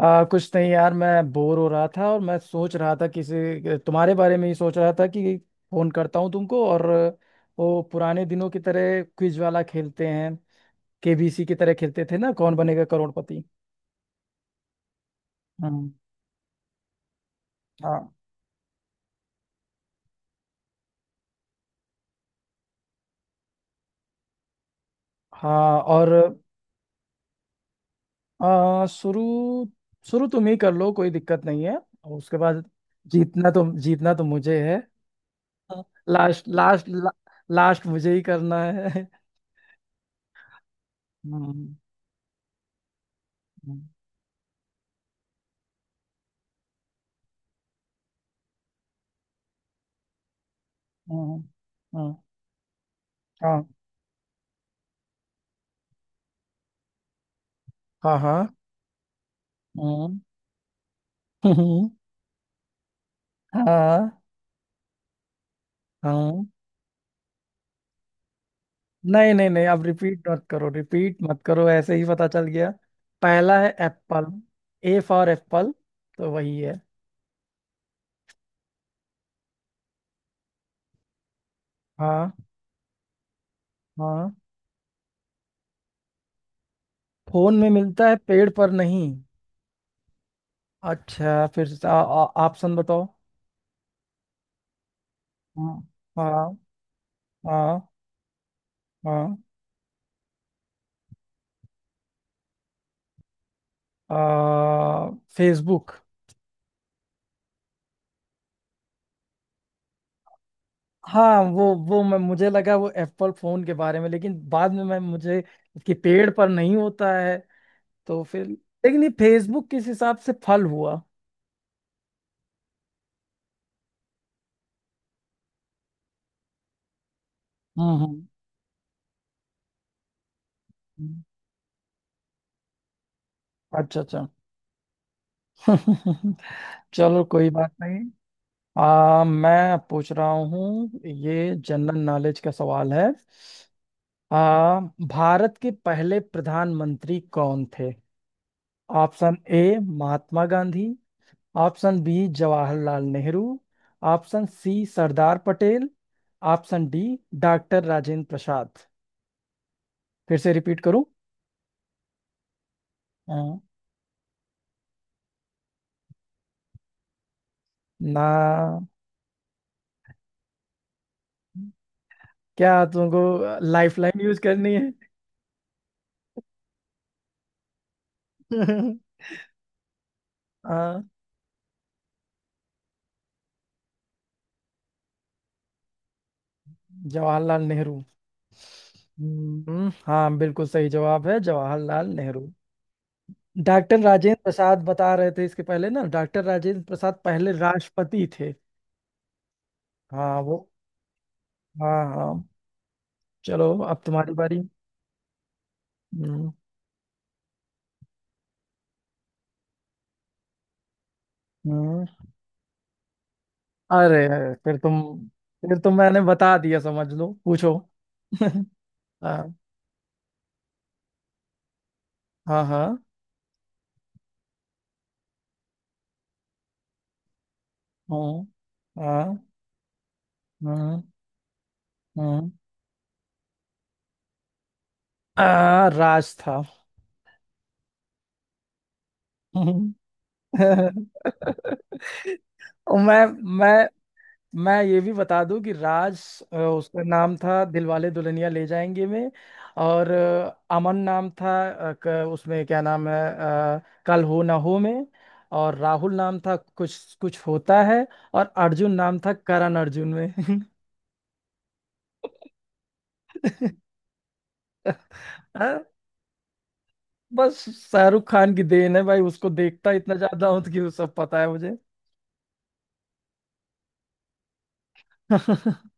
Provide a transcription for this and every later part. कुछ नहीं यार, मैं बोर हो रहा था और मैं सोच रहा था, किसी तुम्हारे बारे में ही सोच रहा था कि फोन करता हूँ तुमको। और वो पुराने दिनों की तरह क्विज वाला खेलते हैं, KBC की तरह खेलते थे ना, कौन बनेगा करोड़पति। हम्म। हाँ। हाँ। और शुरू शुरू तुम ही कर लो, कोई दिक्कत नहीं है। और उसके बाद जीतना तो मुझे है। लास्ट लास्ट ला, लास्ट मुझे ही करना है। हम्म। हम्म। हम्म, हम्म, हाँ। हाँ। हाँ। हम्म। हम्म, हाँ। हाँ। नहीं नहीं नहीं, अब रिपीट मत करो, रिपीट मत करो, ऐसे ही पता चल गया। पहला है एप्पल। ए फॉर एप्पल, तो वही है। हाँ। हाँ। फोन में मिलता है, पेड़ पर नहीं। अच्छा, फिर से ऑप्शन बताओ। हाँ। हाँ। हाँ। हाँ। आ, फेसबुक। हाँ वो मैं, मुझे लगा वो एप्पल फोन के बारे में, लेकिन बाद में मैं, मुझे कि पेड़ पर नहीं होता है। तो फिर लेकिन ये फेसबुक किस हिसाब से फल हुआ? हम्म। हम्म। अच्छा अच्छा। चलो, कोई बात नहीं। मैं पूछ रहा हूँ, ये जनरल नॉलेज का सवाल है। आ, भारत के पहले प्रधानमंत्री कौन थे? Option A Mahatma Gandhi. Option B Jawaharlal Nehru. Option C Sardar Patel. Option D doctor Rajendra Prasad. फिर से रिपीट करूँ? ना, क्या तुमको लाइफ लाइन यूज करनी है? हाँ, जवाहरलाल नेहरू। हाँ, बिल्कुल सही जवाब है, जवाहरलाल नेहरू। डॉक्टर राजेंद्र प्रसाद बता रहे थे इसके पहले ना, डॉक्टर राजेंद्र प्रसाद पहले राष्ट्रपति थे। हाँ वो। हाँ। हाँ। चलो, अब तुम्हारी बारी। हम्म। हम्म। अरे अरे, फिर तुम, मैंने बता दिया, समझ लो पूछो। हाँ। हाँ। हाँ। हाँ। हाँ। हाँ। हाँ। राज था। मैं मैं मैं ये भी बता दूं कि राज, उसका नाम था दिलवाले दुल्हनिया ले जाएंगे में। और अमन नाम था। उसमें क्या नाम है? कल हो ना हो में। और राहुल नाम था कुछ कुछ होता है। और अर्जुन नाम था करण अर्जुन में। हाँ, बस शाहरुख खान की देन है भाई, उसको देखता इतना ज्यादा हूं तो कि वो सब पता है मुझे।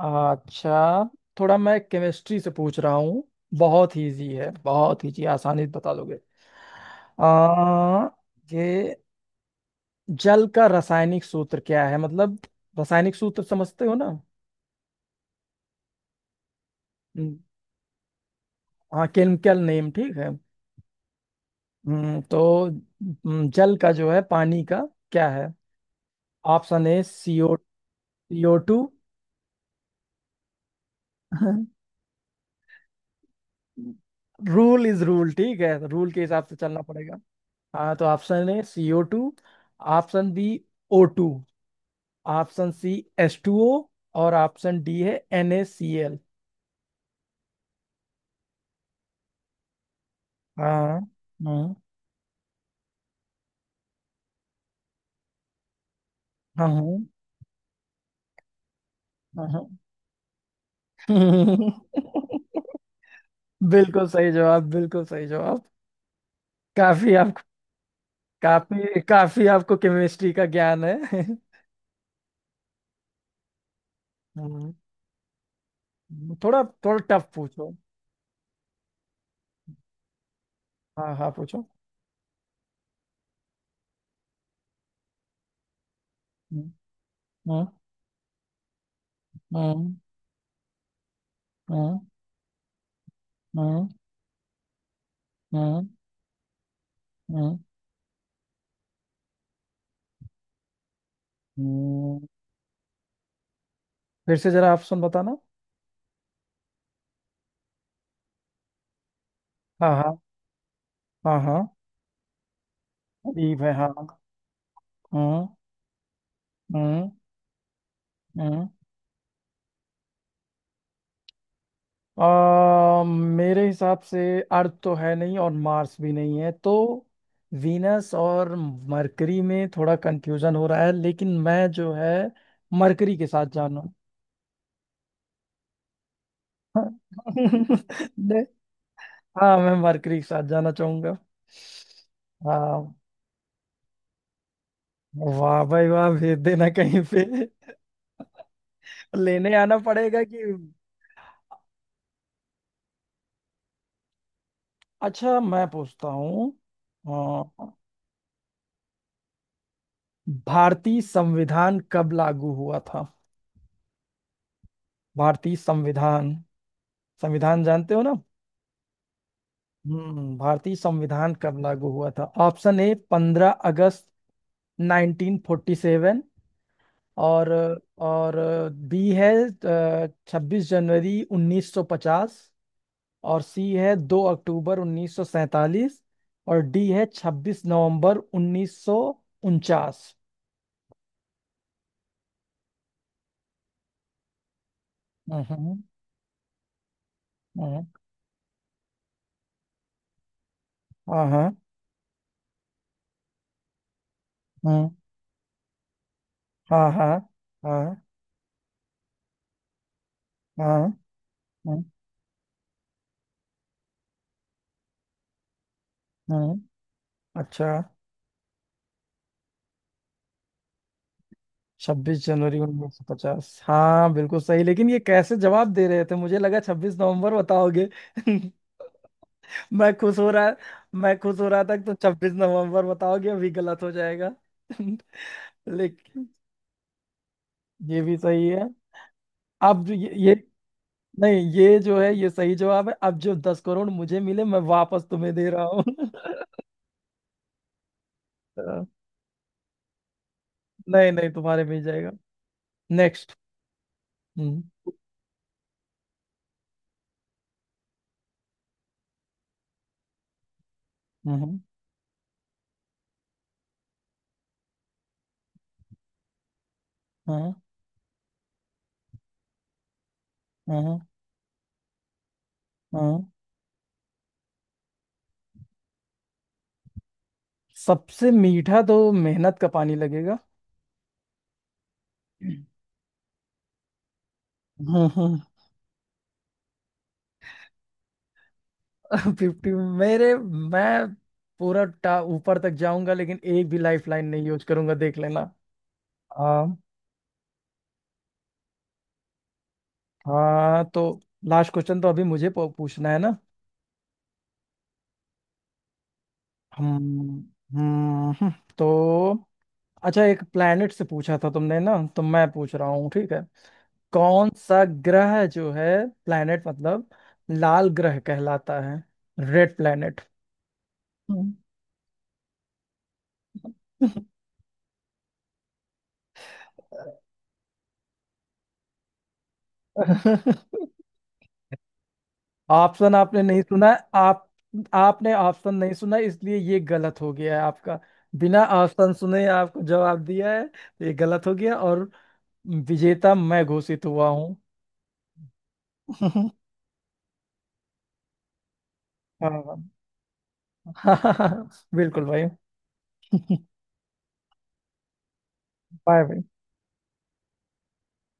अच्छा, थोड़ा मैं केमिस्ट्री से पूछ रहा हूँ। बहुत इजी है, बहुत इजी, आसानी से बता लोगे। आ, ये जल का रासायनिक सूत्र क्या है? मतलब, रासायनिक सूत्र समझते हो ना? हम्म, हाँ केमिकल नेम, ठीक है। तो जल का जो है, पानी का क्या है? Option A CO CO2। Rule is rule, ठीक है, रूल के हिसाब से चलना पड़ेगा। हाँ, तो ऑप्शन ए CO2। Option B O2। Option C S2O। और ऑप्शन डी है NaCl। हाँ। हाँ। हाँ। हाँ। हाँ। बिल्कुल सही जवाब, बिल्कुल सही जवाब। काफी आपको काफी काफी आपको केमिस्ट्री का ज्ञान है। हम्म, थोड़ा थोड़ा टफ पूछो। हाँ। हाँ, पूछो। हम्म, हम्म, हम्म, हम्म, हम्म, हम्म, हम्म। फिर से जरा ऑप्शन बताना। हाँ। हाँ। हाँ। हाँ। अदीब है हाँ। हम्म। हम्म। हम्म। मेरे हिसाब से अर्थ तो है नहीं और मार्स भी नहीं है, तो वीनस और मरकरी में थोड़ा कंफ्यूजन हो रहा है, लेकिन मैं जो है मरकरी के साथ जाना। नहीं, हाँ मैं मरकरी के साथ जाना चाहूंगा। हाँ, वाह भाई वाह, भेज देना कहीं पे। लेने आना पड़ेगा कि। अच्छा, मैं पूछता हूँ, भारतीय संविधान कब लागू हुआ था? भारतीय संविधान, संविधान जानते हो ना? हम्म, भारतीय संविधान कब लागू हुआ था? ऑप्शन ए 15 अगस्त 1947। और और बी है 26 जनवरी 1950। और सी है 2 अक्टूबर 1947। और डी है 26 नवंबर 1949। हम्म। हम्म, हाँ। हाँ। हम्म, हाँ। हाँ। हाँ। हाँ। हम्म। अच्छा, 26 जनवरी 1950, हाँ बिल्कुल सही। लेकिन ये कैसे जवाब दे रहे थे, मुझे लगा 26 नवंबर बताओगे। मैं खुश हो रहा मैं खुश हो रहा था कि तो 26 नवंबर बताओगे, अभी गलत हो जाएगा। लेकिन ये भी सही है। अब जो ये नहीं, ये जो है ये सही जवाब है। अब जो 10 करोड़ मुझे मिले, मैं वापस तुम्हें दे रहा हूँ। नहीं नहीं, तुम्हारे मिल जाएगा। नेक्स्ट। हम्म। हम्म। हम्म। हम्म। हम्म। सबसे मीठा तो मेहनत का पानी लगेगा। हम्म। हम्म। फिफ्टी। मेरे मैं पूरा टा ऊपर तक जाऊंगा, लेकिन एक भी लाइफ लाइन नहीं यूज करूंगा, देख लेना। आ, हाँ, तो लास्ट क्वेश्चन तो अभी मुझे पूछना है ना। हम्म। हम्म, हम्म, तो अच्छा, एक प्लेनेट से पूछा था तुमने ना, तो मैं पूछ रहा हूँ, ठीक है। कौन सा ग्रह जो है, प्लेनेट मतलब, लाल ग्रह कहलाता है? Red planet. हम्म। ऑप्शन आपने नहीं सुना है, आप आपने ऑप्शन नहीं सुना, इसलिए ये गलत हो गया है आपका। बिना ऑप्शन सुने आपको जवाब दिया है तो ये गलत हो गया, और विजेता मैं घोषित हुआ हूँ। हाँ, हाँ, बिल्कुल भाई। बाय भाई।